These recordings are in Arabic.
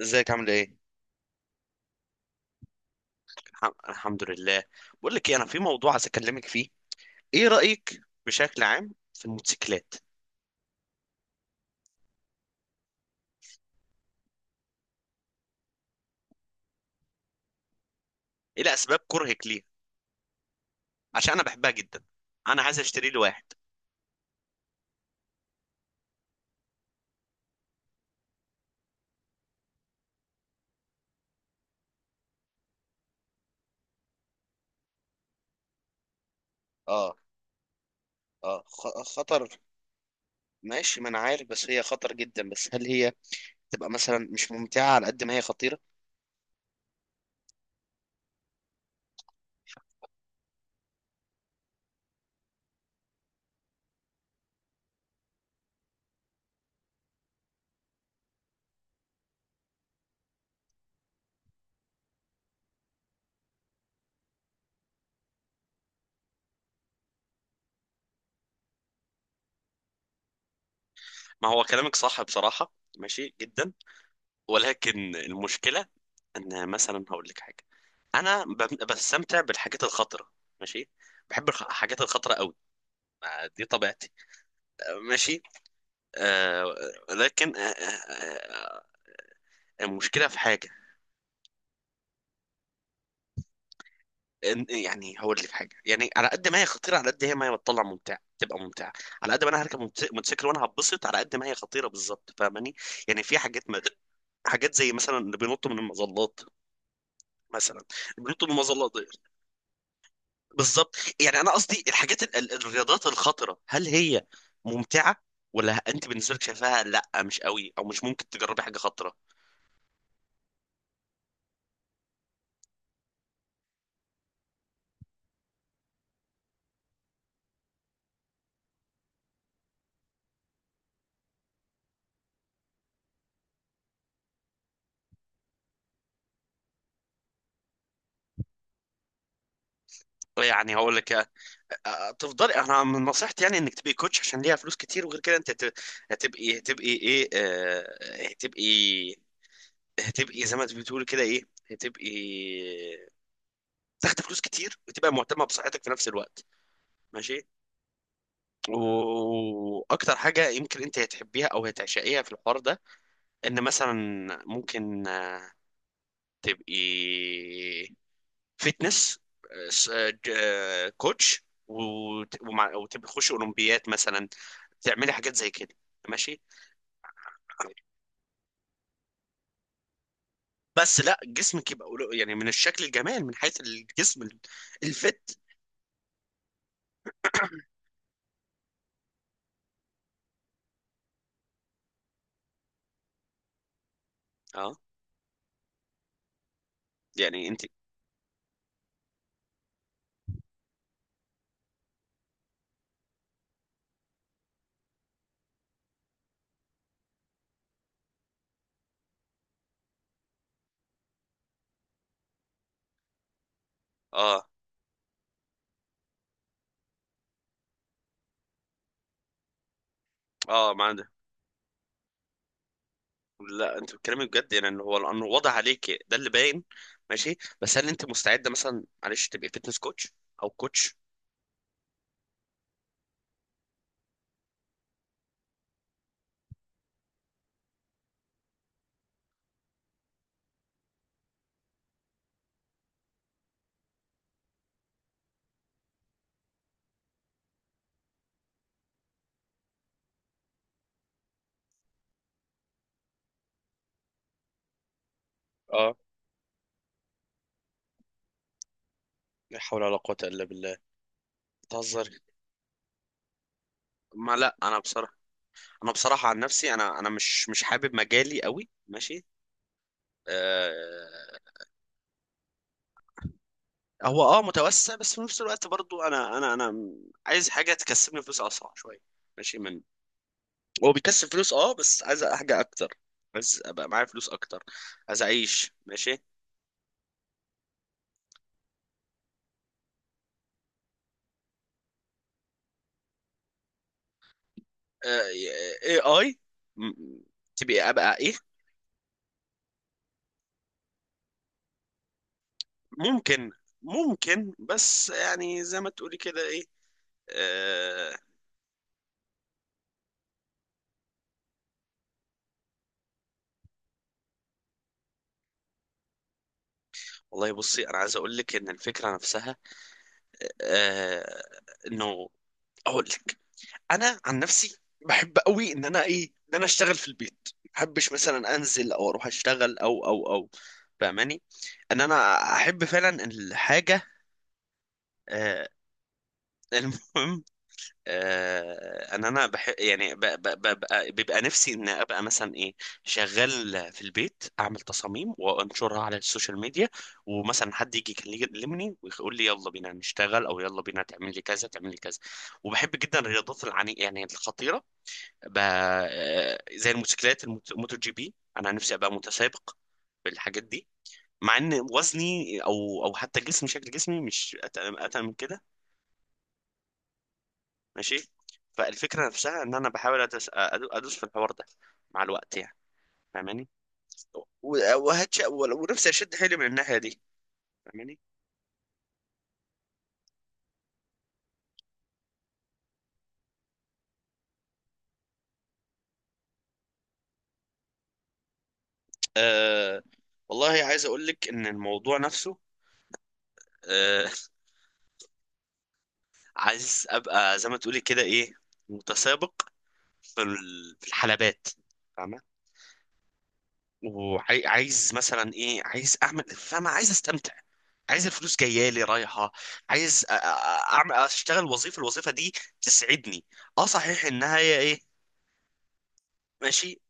ازيك عامل ايه؟ الحمد لله. بقول لك ايه، انا في موضوع عايز اكلمك فيه. ايه رأيك بشكل عام في الموتوسيكلات؟ ايه اسباب كرهك ليها؟ عشان انا بحبها جدا، انا عايز اشتري لي واحد. اه، اه خطر. ماشي، ما انا عارف بس هي خطر جدا، بس هل هي تبقى مثلا مش ممتعة على قد ما هي خطيرة؟ ما هو كلامك صح بصراحة، ماشي جدا، ولكن المشكلة ان مثلا هقول لك حاجة، انا بستمتع بالحاجات الخطرة، ماشي، بحب الحاجات الخطرة قوي، دي طبيعتي. ماشي، آه. لكن آه، آه، آه، المشكله في حاجه، يعني هقول لي في حاجه، يعني على قد ما هي خطيره على قد هي ما هي بتطلع ممتعه تبقى ممتعه. على قد ما انا هركب موتوسيكل وانا هتبسط على قد ما هي خطيره بالظبط، فاهماني؟ يعني في حاجات، ما حاجات زي مثلا اللي بينطوا من المظلات مثلا، اللي بينطوا من المظلات دي. بالظبط، يعني انا قصدي الحاجات الرياضات الخطره، هل هي ممتعه ولا انت بالنسبه لك شايفاها لا مش قوي او مش ممكن تجربي حاجه خطره؟ يعني هقول لك آه، آه، تفضلي، انا من نصيحتي يعني انك تبقي كوتش عشان ليها فلوس كتير، وغير كده انت هتبقي، ايه آه، هتبقي، هتبقي زي ما انت بتقول كده ايه، هتبقي تاخد فلوس كتير وتبقى مهتمه بصحتك في نفس الوقت. ماشي. واكتر حاجه يمكن انت هتحبيها او هتعشقيها في الحوار ده، ان مثلا ممكن آه، تبقي فتنس كوتش، وتخش اولمبيات مثلا، تعملي حاجات زي كده. ماشي. بس لا، جسمك يبقى يعني من الشكل، الجمال من حيث الجسم الفت. اه، يعني انت، اه، اه ما عندك. لا انت بتتكلمي بجد، يعني ان هو لانه واضح عليك، ده اللي باين. ماشي، بس هل انت مستعده مثلا، معلش، تبقي فيتنس كوتش او كوتش؟ اه. لا حول ولا قوة الا بالله، بتهزري؟ ما لا، انا بصراحة، انا بصراحه عن نفسي انا، مش حابب مجالي قوي، ماشي. آه. هو اه متوسع، بس في نفس الوقت برضو انا، عايز حاجه تكسبني فلوس اسرع شويه. ماشي. من، هو بيكسب فلوس اه، بس عايز حاجه اكتر، عايز ابقى معايا فلوس اكتر، عايز اعيش ماشي. آه، اي اي، تبقى ابقى ايه؟ ممكن، ممكن، بس يعني زي ما تقولي كده ايه، آه. والله بصي، انا عايز اقول لك ان الفكره نفسها آه انه، اقول لك، انا عن نفسي بحب قوي ان انا ايه، ان انا اشتغل في البيت، ما بحبش مثلا انزل او اروح اشتغل او، فاهماني؟ ان انا احب فعلا الحاجه. آه، المهم، آه، ان انا بحب، يعني ب بيبقى نفسي ان ابقى مثلا ايه، شغال في البيت اعمل تصاميم وانشرها على السوشيال ميديا، ومثلا حد يجي يكلمني ويقول لي يلا بينا نشتغل، او يلا بينا تعمل لي كذا، تعمل لي كذا. وبحب جدا الرياضات، العني يعني الخطيره، ب... زي الموتوسيكلات، الموتو جي بي، انا نفسي ابقى متسابق بالحاجات دي، مع ان وزني او حتى جسمي، شكل جسمي، مش اتقل، اتقل من كده، ماشي. فالفكره نفسها ان انا بحاول ادوس في الحوار ده مع الوقت يعني، فاهماني؟ وهتش ونفسي اشد حيلي من الناحيه دي، فاهماني؟ أه، والله عايز اقول لك ان الموضوع نفسه، أه، عايز ابقى زي ما تقولي كده ايه، متسابق في في الحلبات، فاهمة؟ وعايز مثلا ايه، عايز اعمل، فاهمة، عايز استمتع، عايز الفلوس جايه لي رايحه، عايز اعمل، اشتغل وظيفه، الوظيفه دي تسعدني، اه صحيح انها هي ايه، ماشي،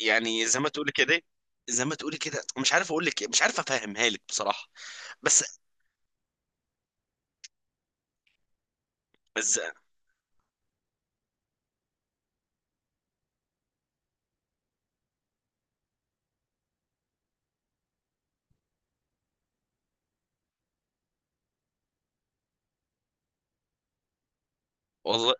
يعني زي ما تقولي كده، زي ما تقولي كده، مش عارف اقول لك إيه، مش عارف افهمها لك بصراحه. بس، بس والله.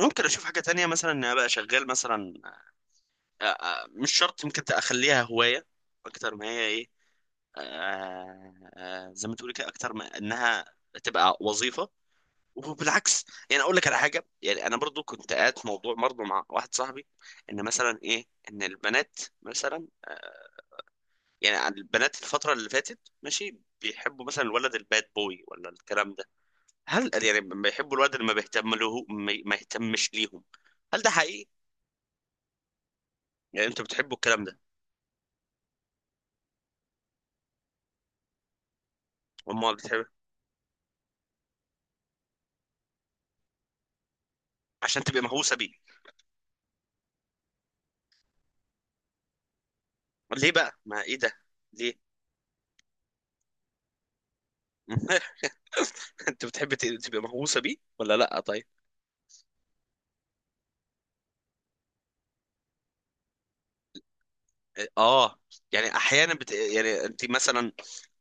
ممكن اشوف حاجه تانية، مثلا ان أنا ابقى شغال مثلا، مش شرط، ممكن اخليها هوايه اكتر ما هي ايه، آه، آه، زي ما تقولي كده، اكتر ما انها تبقى وظيفه. وبالعكس، يعني اقول لك على حاجه، يعني انا برضو كنت قاعد في موضوع برضو مع واحد صاحبي، ان مثلا ايه، ان البنات مثلا آه، يعني البنات الفتره اللي فاتت ماشي بيحبوا مثلا الولد الباد بوي ولا الكلام ده؟ هل يعني بيحبوا الولد اللي ما بيهتم له، ما يهتمش ليهم؟ هل ده حقيقي؟ يعني انتوا بتحبوا الكلام ده، هم بتحبوا عشان تبقى مهووسه بيه؟ ليه بقى، ما ايه ده، ليه؟ انت بتحبي تبقى مهووسه بيه ولا لا؟ طيب. اه، يعني احيانا بت... يعني انت مثلا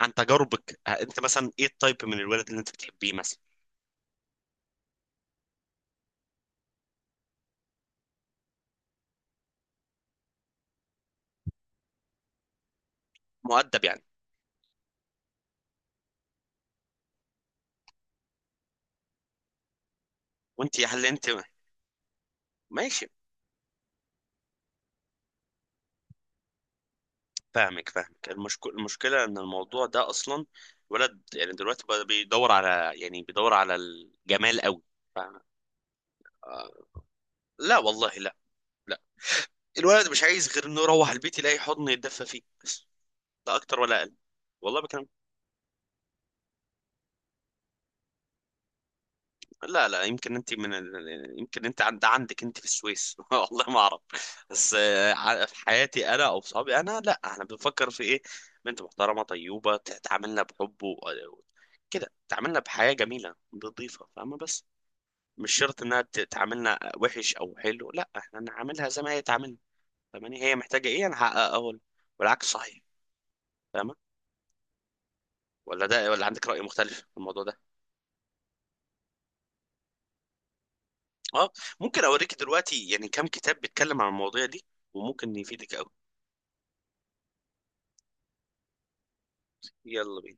عن تجاربك آه، انت مثلا ايه التايب من الولد اللي انت بتحبيه مثلا؟ مؤدب يعني. وانت هل انت، ماشي، فاهمك، المشك... المشكله ان الموضوع ده اصلا، الولد يعني دلوقتي بقى بيدور على، يعني بيدور على الجمال قوي، فاهم؟ آه. لا والله، لا، لا، الولد مش عايز غير انه يروح البيت يلاقي حضن يتدفى فيه بس، لا اكتر ولا اقل. والله بكلم. لا لا، يمكن انت من ال... يمكن انت عند، انت في السويس، والله ما اعرف. بس آه، ع- في حياتي انا او صحابي انا، لا احنا بنفكر في ايه، بنت محترمه طيوبه تعاملنا بحب و... كده، تعاملنا بحياه جميله نظيفه، فاهمه؟ بس مش شرط انها تعاملنا وحش او حلو، لا احنا نعاملها زي ما هي تعاملنا، فاهماني؟ هي محتاجه ايه انا هحققه اول، والعكس صحيح، فاهمه؟ ولا ده، ولا عندك راي مختلف في الموضوع ده؟ اه، ممكن اوريك دلوقتي يعني كام كتاب بيتكلم عن المواضيع دي وممكن يفيدك. يلا بينا.